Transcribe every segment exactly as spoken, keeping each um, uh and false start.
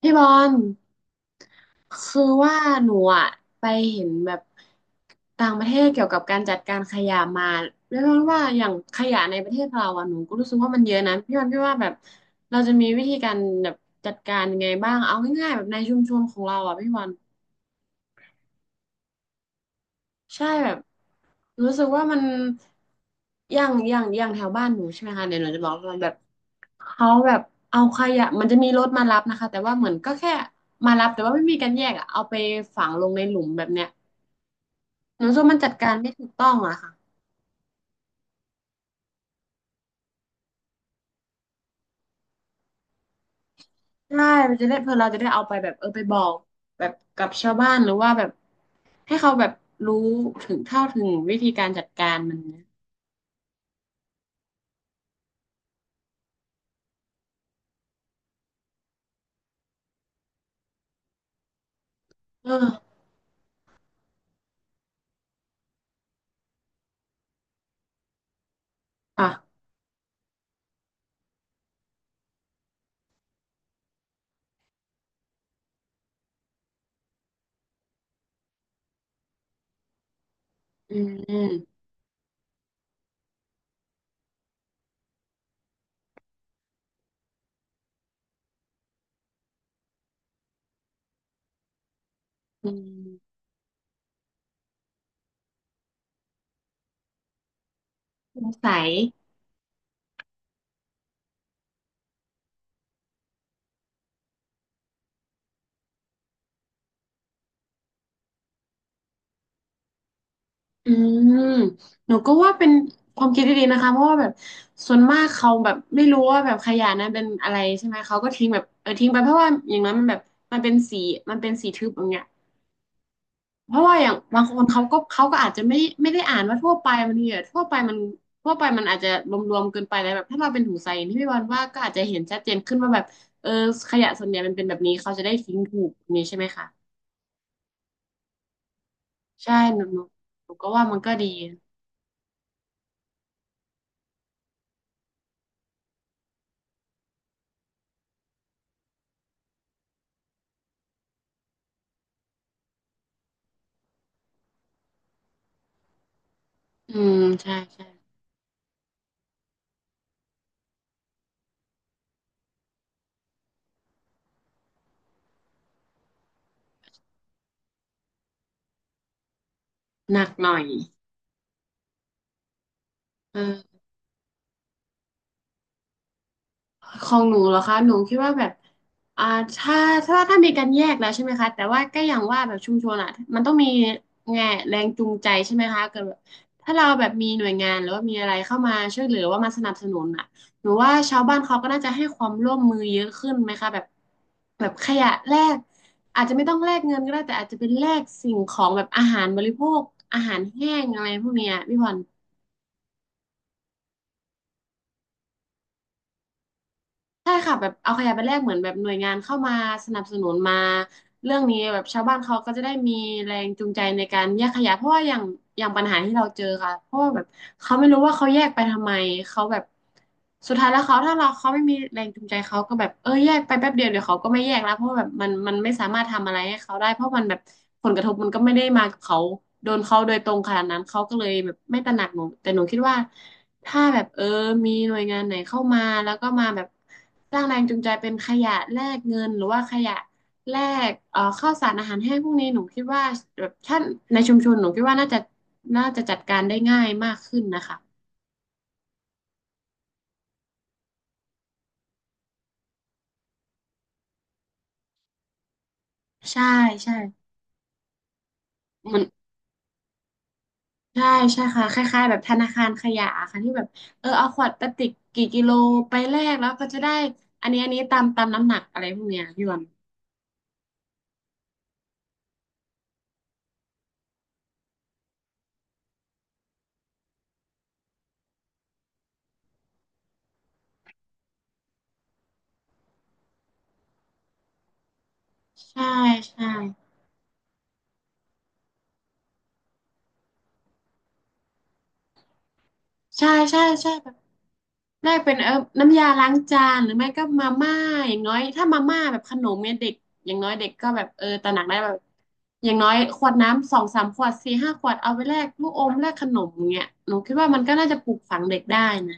พี่บอลคือว่าหนูอะไปเห็นแบบต่างประเทศเกี่ยวกับการจัดการขยะมาเรียกว่าอย่างขยะในประเทศเราอะหนูก็รู้สึกว่ามันเยอะนะพี่บอลพี่ว่าแบบเราจะมีวิธีการแบบจัดการยังไงบ้างเอาง่ายๆแบบในชุมชนของเราอะพี่บอล ใช่แบบรู้สึกว่ามันอย่างอย่างอย่างแถวบ้านหนูใช่ไหมคะเดี๋ยวหนูจะบอกว่าแบบเขาแบบเอาขยะมันจะมีรถมารับนะคะแต่ว่าเหมือนก็แค่มารับแต่ว่าไม่มีการแยกอะเอาไปฝังลงในหลุมแบบเนี้ยหนูรู้สึกว่ามันจัดการไม่ถูกต้องอะค่ะใช่มันจะได้เพื่อเราจะได้เอาไปแบบเออไปบอกแบบกับชาวบ้านหรือว่าแบบให้เขาแบบรู้ถึงเท่าถึงวิธีการจัดการมันนะเอออ่ะอืมอืมสงสัย อืมหนูก็ว่าเป็นความคิดที่ดีนะคะเพราะว่าแบบส่วนมากเขาแบบไม่รู้ว่าแบบขยะนั้นเป็นอะไรใช่ไหมเขาก็ทิ้งแบบเออทิ้งไปเพราะว่าอย่างนั้นมันแบบมันเป็นสีมันเป็นสีทึบอย่างเงี้ยเพราะว่าอย่างบางคนเขาก็เขาก็อาจจะไม่ไม่ได้อ่านว่าทั่วไปมันเนี่ยทั่วไปมันทั่วไปมันอาจจะรวมๆเกินไปแล้วแบบถ้าเราเป็นถุงใสอย่างที่พี่วันว่าก็อาจจะเห็นชัดเจนขึ้นว่าแบบเออขยะส่วนใหญ่มันเป็นแบบนี้เขาจะได้ทิ้งถูกอย่างนี้ใช่ไหมคะใช่หนูหนูหนูก็ว่ามันก็ดีอืมใช่ใช่หนักหน่อย เออของหนูเหรอคะหนูคิดว่าแบบอ่าถ้าถ้าถ้ามีการแยกแล้วใช่ไหมคะแต่ว่าก็อย่างว่าแบบชุมชนอ่ะมันต้องมีแง่แรงจูงใจใช่ไหมคะเกิดแบบถ้าเราแบบมีหน่วยงานหรือว่ามีอะไรเข้ามาช่วยเหลือว่ามาสนับสนุนอ่ะหนูว่าชาวบ้านเขาก็น่าจะให้ความร่วมมือเยอะขึ้นไหมคะแบบแบบขยะแลกอาจจะไม่ต้องแลกเงินก็ได้แต่อาจจะเป็นแลกสิ่งของแบบอาหารบริโภคอาหารแห้งอะไรพวกเนี้ยพี่พร ใช่ค่ะแบบเอาขยะไปแลกเหมือนแบบหน่วยงานเข้ามาสนับสนุนมาเรื่องนี้แบบชาวบ้านเขาก็จะได้มีแรงจูงใจในการแยกขยะเพราะว่าอย่างอย่างปัญหาที่เราเจอค่ะเพราะว่าแบบเขาไม่รู้ว่าเขาแยกไปทำไมเขาแบบสุดท้ายแล้วเขาถ้าเราเขาไม่มีแรงจูงใจเขาก็แบบเออแยกไปแป๊บเดียวเดี๋ยวเขาก็ไม่แยกแล้วเพราะว่าแบบมันมันไม่สามารถทำอะไรให้เขาได้เพราะมันแบบผลกระทบมันก็ไม่ได้มากับเขาโดนเขาโดยตรงขนาดนั้นเขาก็เลยแบบไม่ตระหนักหนูแต่หนูคิดว่า ถ้าแบบเออมีหน่วยงานไหนเข้ามาแล้วก็มาแบบสร้างแรงจูงใจเป็นขยะแลกเงินหรือว่าขยะแลกเอ่อข้าวสารอาหารแห้งพวกนี้หนูคิดว่าแบบท่านในชุมชนหนูคิดว่าน่าจะน่าจะจัดการได้ง่ายมากขึ้นนะคะใช่ใช่เหมือนใช่ใช่ค่ะคล้ายๆแบบธนาคารขยะค่ะที่แบบเออเอาขวดพลาสติกกี่กิโลไปแลกแล้วก็จะได้อันนี้อันนี้ตามตามน้ำหนักอะไรพวกเนี้ยพี่วันใช่ใช่ใช่ใช่ใช่แบบ ได้เป็นเออน้ำยาล้างจานหรือไม่ก็มาม่าอย่างน้อยถ้ามาม่าแบบขนมเนี่ยเด็กอย่างน้อยเด็กก็แบบเออตระหนักได้แบบอย่างน้อยขวดน้ำสองสามขวดสี่ห้าขวดเอาไปแลกลูกอมแลกขนมอย่างเงี้ยหนูคิดว่ามันก็น่าจะปลูกฝังเด็กได้นะ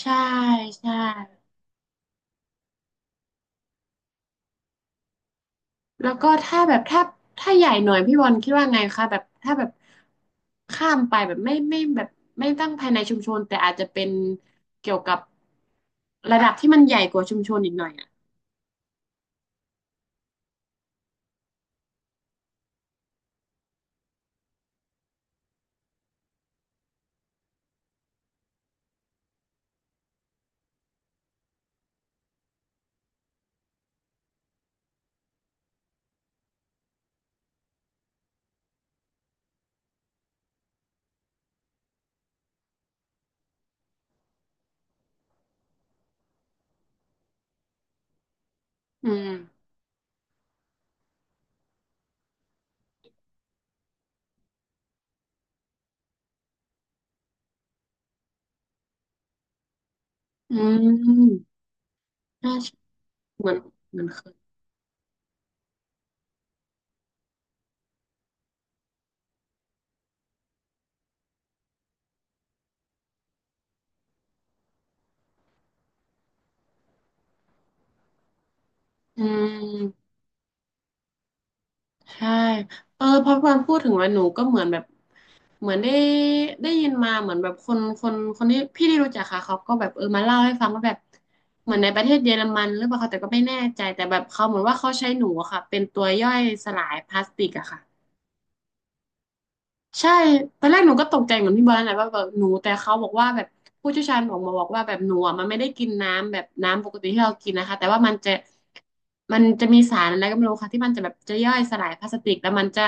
ใช่ใช่แล้วก็ถ้าแบบถ้าถ้าใหญ่หน่อยพี่บอลคิดว่าไงคะแบบถ้าแบบข้ามไปแบบไม่ไม่แบบไม่ตั้งภายในชุมชนแต่อาจจะเป็นเกี่ยวกับระดับที่มันใหญ่กว่าชุมชนอีกหน่อยอ่ะอืม อืม น่าจะเหมือนเหมือนเคยอืมใช่เออพอพอนพูดถึงว่าหนูก็เหมือนแบบเหมือนได้ได้ยินมาเหมือนแบบคนคนคนที่พี่ที่รู้จักค่ะเขาก็แบบเออมาเล่าให้ฟังว่าแบบ เหมือนในประเทศเยอรมันหรือเปล่าคะแต่ก็ไม่แน่ใจแต่แบบเขาเหมือนว่าเขาใช้หนูอะค่ะเป็นตัวย่อยสลายพลาสติกอะค่ะ ใช่ตอนแรกหนูก็ตกใจเหมือนพี่บอลนั่นแหละว่าแบบหนูแต่เขาบอกว่าแบบผู้เชี่ยวชาญบอกมาบอกว่าแบบหนูอ่ะมันไม่ได้กินน้ำแบบน้ำปกติที่เรากินนะคะแต่ว่ามันจะมันจะมีสารอะไรก็ไม่รู้ค่ะที่มันจะแบบจะย่อยสลายพลาสติกแล้วมันจะ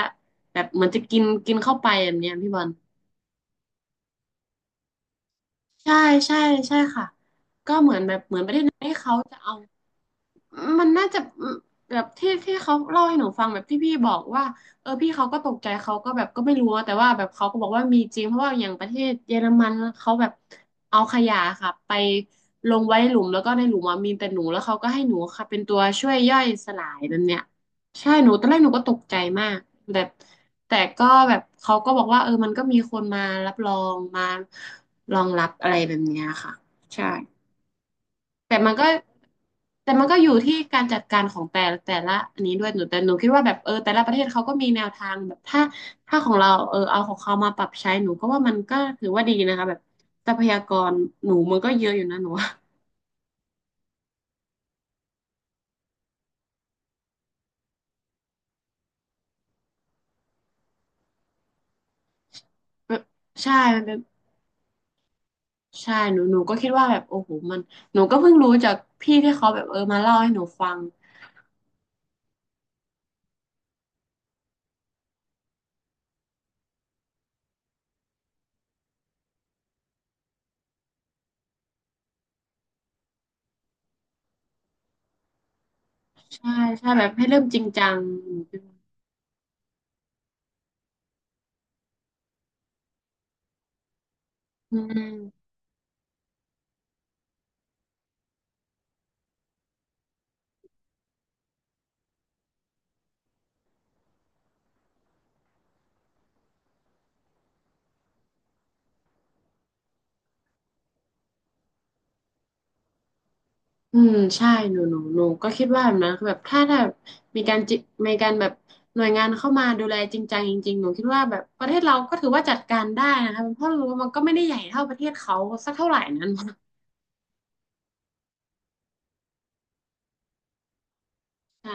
แบบเหมือนจะกินกินเข้าไปแบบเนี้ยพี่บอลใช่ใช่ใช่ค่ะก็เหมือนแบบเหมือนประเทศนั้นให้เขาจะเอา มันน่าจะแบบที่ที่เขาเล่าให้หนูฟังแบบที่พี่บอกว่าเออพี่เขาก็ตกใจเขาก็แบบก็ไม่รู้อะแต่ว่าแบบเขาก็บอกว่ามีจริงเพราะว่าอย่างประเทศเยอรมันเขาแบบเอาขยะค่ะไปลงไว้นหลุมแล้วก็ในหลุมอะมีแต่หนูแล้วเขาก็ให้หนูค่ะเป็นตัวช่วยย่อยสลายนั่นเนี่ยใช่หนูตอนแรกหนูก็ตกใจมากแบบแต่ก็แบบเขาก็บอกว่าเออมันก็มีคนมารับรองมารองรับอะไรแบบเนี้ยค่ะใช่ แต่มันก็แต่มันก็อยู่ที่การจัดการของแต่แต่ละอันนี้ด้วยหนูแต่หนูคิดว่าแบบเออแต่ละประเทศเขาก็มีแนวทางแบบถ้าถ้าของเราเออเอาของเขามาปรับใช้หนูก็ว่ามันก็ถือว่าดีนะคะแบบทรัพยากรหนูมันก็เยอะอยู่นะหนูว่าแบบใช่มันเป็นใช่หนูหนูก็คิดว่าแบบโอ้โหมันหนูก็เพิ่งรู้จากพี่ที่เขาแบบเออมาเล่าให้หนูฟังใช่ใช่แบบให้เริ่มจริงจังหนูคิดว่าอืม อืมใช่หนูหนูหนูก็คิดว่าแบบนั้นคือแบบถ้าถ้ามีการจิมีการแบบหน่วยงานเข้ามาดูแลจริงจังจริงๆหนูคิดว่าแบบประเทศเราก็ถือว่าจัดการได้นะคะเพราะรู้ว่ามันก็ไม่ได้ใหญ่เท่าประเทศเขาสักเท่าไหร่นั้นใช่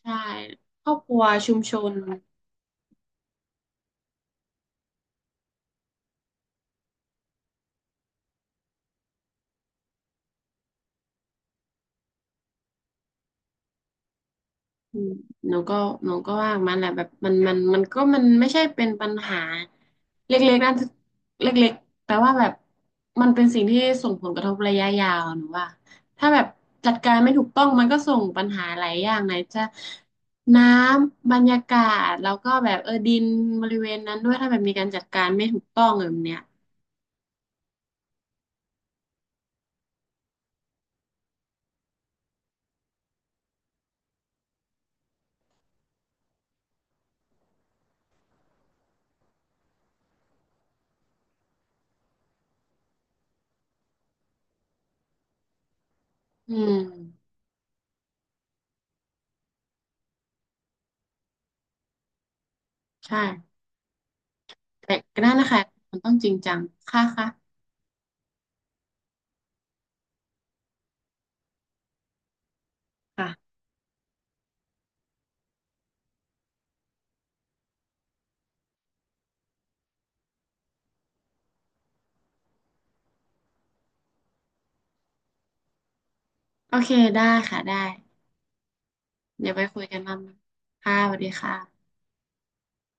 ใช่ครอบครัวชุมชน อืมหนูก็หนูก็ว่ามันแหละแบบมันมันมันก็มันไม่ใช่เป็นปัญหาเล็กๆนั่นเล็กๆแต่ว่าแบบมันเป็นสิ่งที่ส่งผลกระทบระยะยาวหนูว่าถ้าแบบจัดการไม่ถูกต้องมันก็ส่งปัญหาหลายอย่างไหนจะน้ำบรรยากาศแล้วก็แบบเออดินบริเวณนั้นด้วยถ้าแบบมีการจัดการไม่ถูกต้องแบบเนี้ยอืมใช่แต่ก็นั่นนะคะมันต้องจริงจังค่ะค่ะค่ะโอเคได้ค่ะได้ เดี๋ยวไปคุยกันรอบหนึงค่ะสวัสดีค่ะ